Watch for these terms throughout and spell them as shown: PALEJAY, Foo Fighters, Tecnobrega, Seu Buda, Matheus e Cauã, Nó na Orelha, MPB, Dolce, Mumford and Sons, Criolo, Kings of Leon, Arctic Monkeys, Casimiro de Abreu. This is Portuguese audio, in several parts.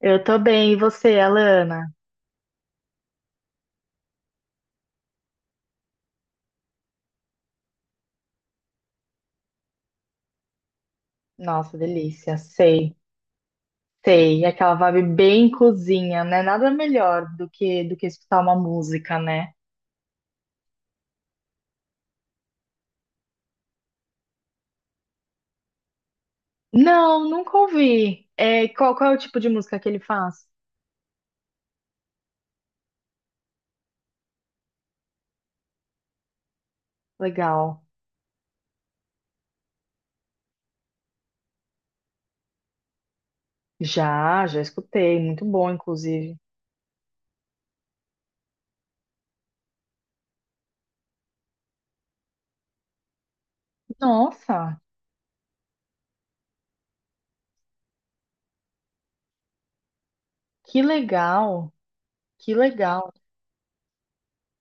Eu tô bem, e você, Alana? Nossa, delícia, sei. Aquela vibe bem cozinha, né? Nada melhor do que escutar uma música, né? Não, nunca ouvi. É, qual é o tipo de música que ele faz? Legal. Já escutei, muito bom, inclusive. Nossa, que legal, que legal.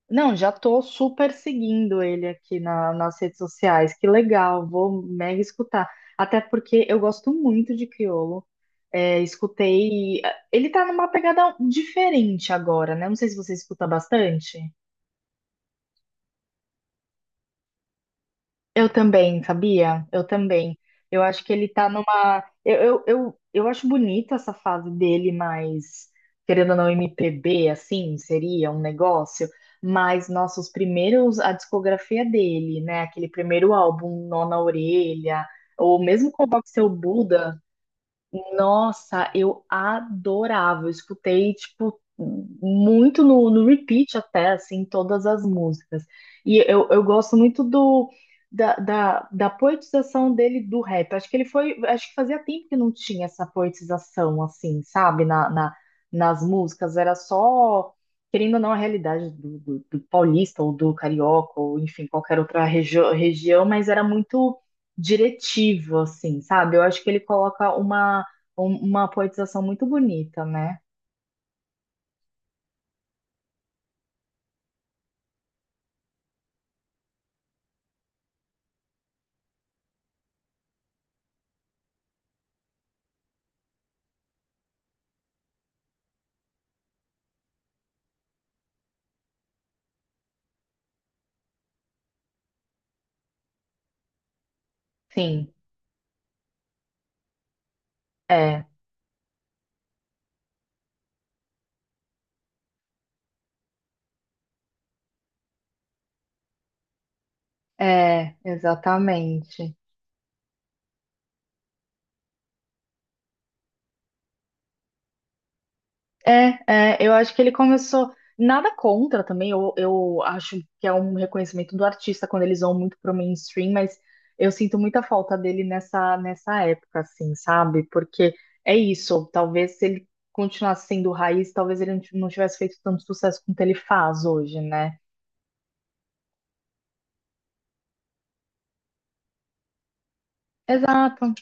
Não, já tô super seguindo ele aqui nas redes sociais. Que legal, vou mega escutar. Até porque eu gosto muito de Criolo. É, escutei. Ele tá numa pegada diferente agora, né? Não sei se você escuta bastante. Eu também, sabia? Eu também. Eu acho que ele tá numa. Eu acho bonita essa fase dele, mas querendo ou não, MPB, assim, seria um negócio. Mas, nossos primeiros, a discografia dele, né? Aquele primeiro álbum, Nó na Orelha, ou mesmo com o Seu Buda, nossa, eu adorava. Eu escutei, tipo, muito no repeat até, assim, todas as músicas. E eu gosto muito da poetização dele do rap. Acho que ele foi, acho que fazia tempo que não tinha essa poetização, assim, sabe, nas músicas. Era só, querendo ou não, a realidade do paulista ou do carioca, ou enfim, qualquer outra região, mas era muito diretivo, assim, sabe? Eu acho que ele coloca uma uma poetização muito bonita, né? Sim, é, exatamente. É, é, eu acho que ele começou. Nada contra também, eu acho que é um reconhecimento do artista quando eles vão muito pro mainstream, mas eu sinto muita falta dele nessa época, assim, sabe? Porque é isso, talvez se ele continuasse sendo raiz, talvez ele não tivesse feito tanto sucesso quanto ele faz hoje, né? Exato.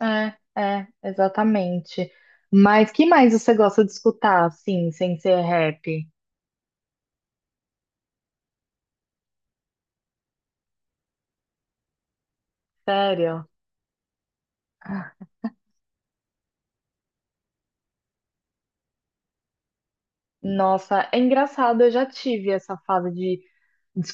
É, é, exatamente. Mas que mais você gosta de escutar, assim, sem ser rap? Sério? Nossa, é engraçado, eu já tive essa fase de.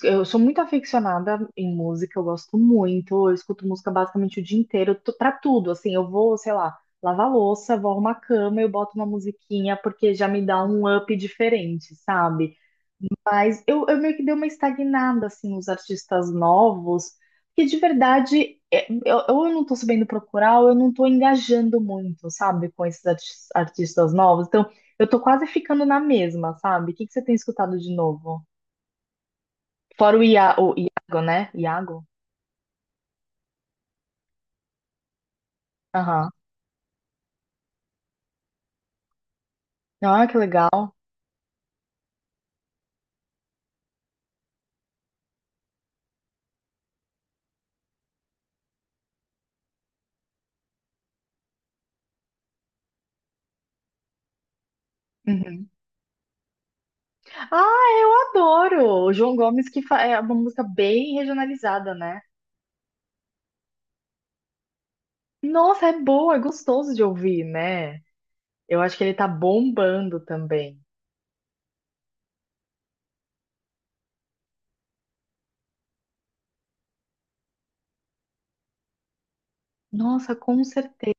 Eu sou muito aficionada em música, eu gosto muito, eu escuto música basicamente o dia inteiro, pra tudo, assim, eu vou, sei lá, lavar louça, vou arrumar a cama, eu boto uma musiquinha, porque já me dá um up diferente, sabe? Mas eu meio que dei uma estagnada, assim, nos artistas novos, que de verdade é, eu não tô sabendo procurar, ou eu não tô engajando muito, sabe, com esses artistas novos. Então, eu tô quase ficando na mesma, sabe? O que que você tem escutado de novo? Fora o Iago, né? Iago? Aham. Ah, que legal. Uhum. Ah, eu adoro! O João Gomes, que é uma música bem regionalizada, né? Nossa, é boa, é gostoso de ouvir, né? Eu acho que ele tá bombando também. Nossa, com certeza,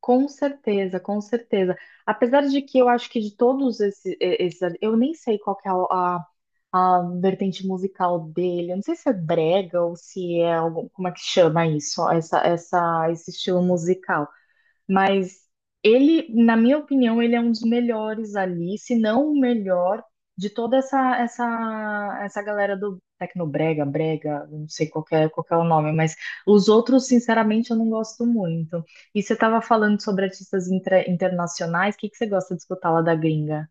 com certeza, com certeza. Apesar de que eu acho que de todos esses, esses eu nem sei qual que é a vertente musical dele. Eu não sei se é brega ou se é algum, como é que chama isso, ó, esse estilo musical. Mas ele, na minha opinião, ele é um dos melhores ali, se não o melhor de toda essa essa galera do Tecnobrega, Brega, não sei qual que é o nome, mas os outros, sinceramente, eu não gosto muito. E você estava falando sobre artistas internacionais, o que que você gosta de escutar lá da gringa?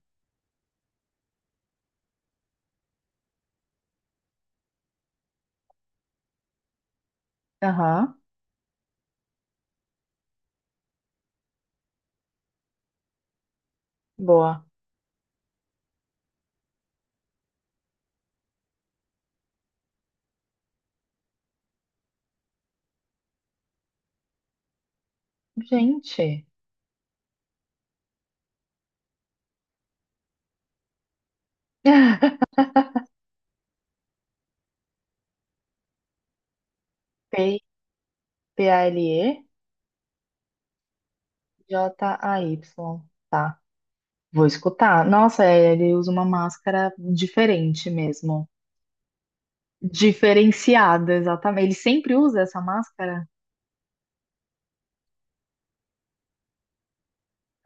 Aham, boa. Gente, P-A-L-E-J-A-Y, tá. Vou escutar. Nossa, é, ele usa uma máscara diferente mesmo. Diferenciada, exatamente. Ele sempre usa essa máscara?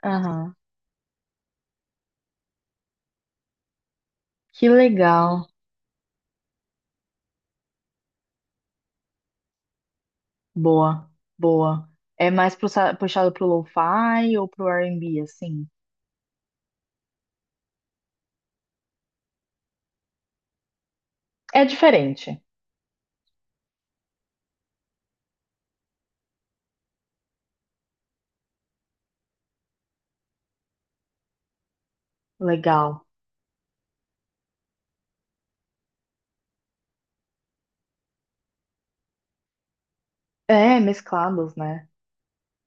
Aham. Que legal. Boa, boa. É mais puxado pro lo-fi ou pro R&B, assim? É diferente. Legal. É, mesclados, né?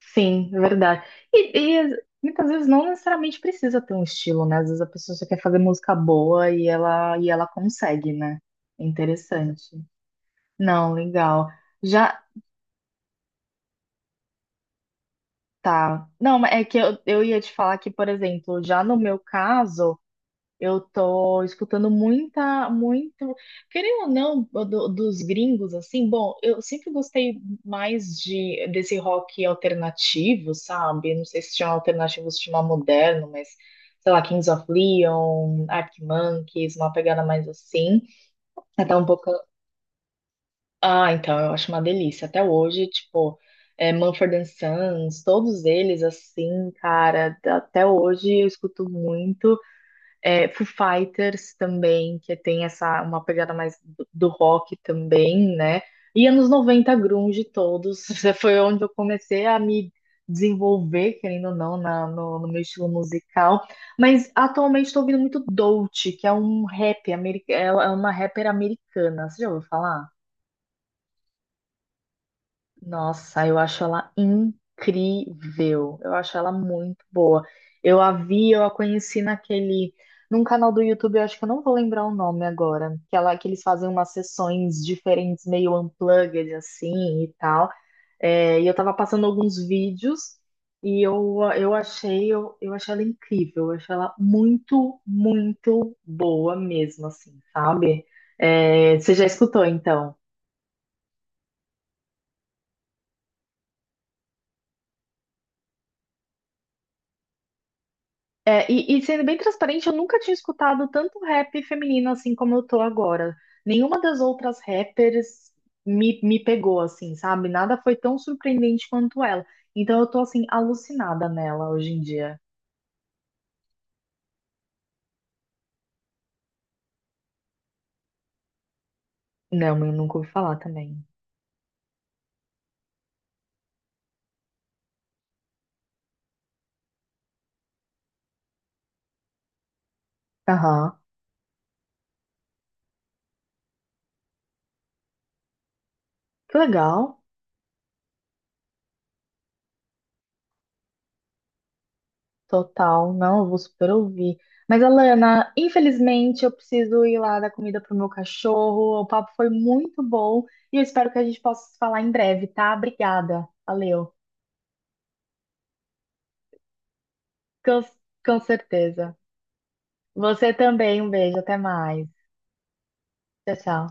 Sim, é verdade. E muitas vezes não necessariamente precisa ter um estilo, né? Às vezes a pessoa só quer fazer música boa e ela consegue, né? Interessante. Não, legal. Já tá. Não, mas é que eu ia te falar que, por exemplo, já no meu caso, eu tô escutando muita, muito, querendo ou não, dos gringos, assim, bom, eu sempre gostei mais de desse rock alternativo, sabe? Não sei se chama alternativo, se chama moderno, mas sei lá, Kings of Leon, Arctic Monkeys, uma pegada mais assim. É até um pouco ah, então, eu acho uma delícia. Até hoje, tipo, é, Mumford and Sons, todos eles, assim, cara, até hoje eu escuto muito. É, Foo Fighters também, que tem essa, uma pegada mais do rock também, né? E anos 90, grunge todos. Foi onde eu comecei a me desenvolver, querendo ou não, no, no meu estilo musical. Mas atualmente estou ouvindo muito Dolce, que é um rap, é uma rapper americana. Você já ouviu falar? Nossa, eu acho ela incrível. Eu acho ela muito boa. Eu a vi, eu a conheci naquele, num canal do YouTube, eu acho que eu não vou lembrar o nome agora, que ela que eles fazem umas sessões diferentes, meio unplugged assim e tal. É, e eu tava passando alguns vídeos e eu achei ela incrível. Eu achei ela muito, muito boa mesmo, assim, sabe? É, você já escutou então? É, e sendo bem transparente, eu nunca tinha escutado tanto rap feminino assim como eu tô agora. Nenhuma das outras rappers me pegou assim, sabe? Nada foi tão surpreendente quanto ela. Então eu tô assim, alucinada nela hoje em dia. Não, eu nunca ouvi falar também. Aham. Que legal. Total. Não, eu vou super ouvir. Mas, Alana, infelizmente eu preciso ir lá dar comida pro meu cachorro. O papo foi muito bom e eu espero que a gente possa se falar em breve, tá? Obrigada. Valeu. Com, com certeza. Você também, um beijo, até mais. Tchau, tchau.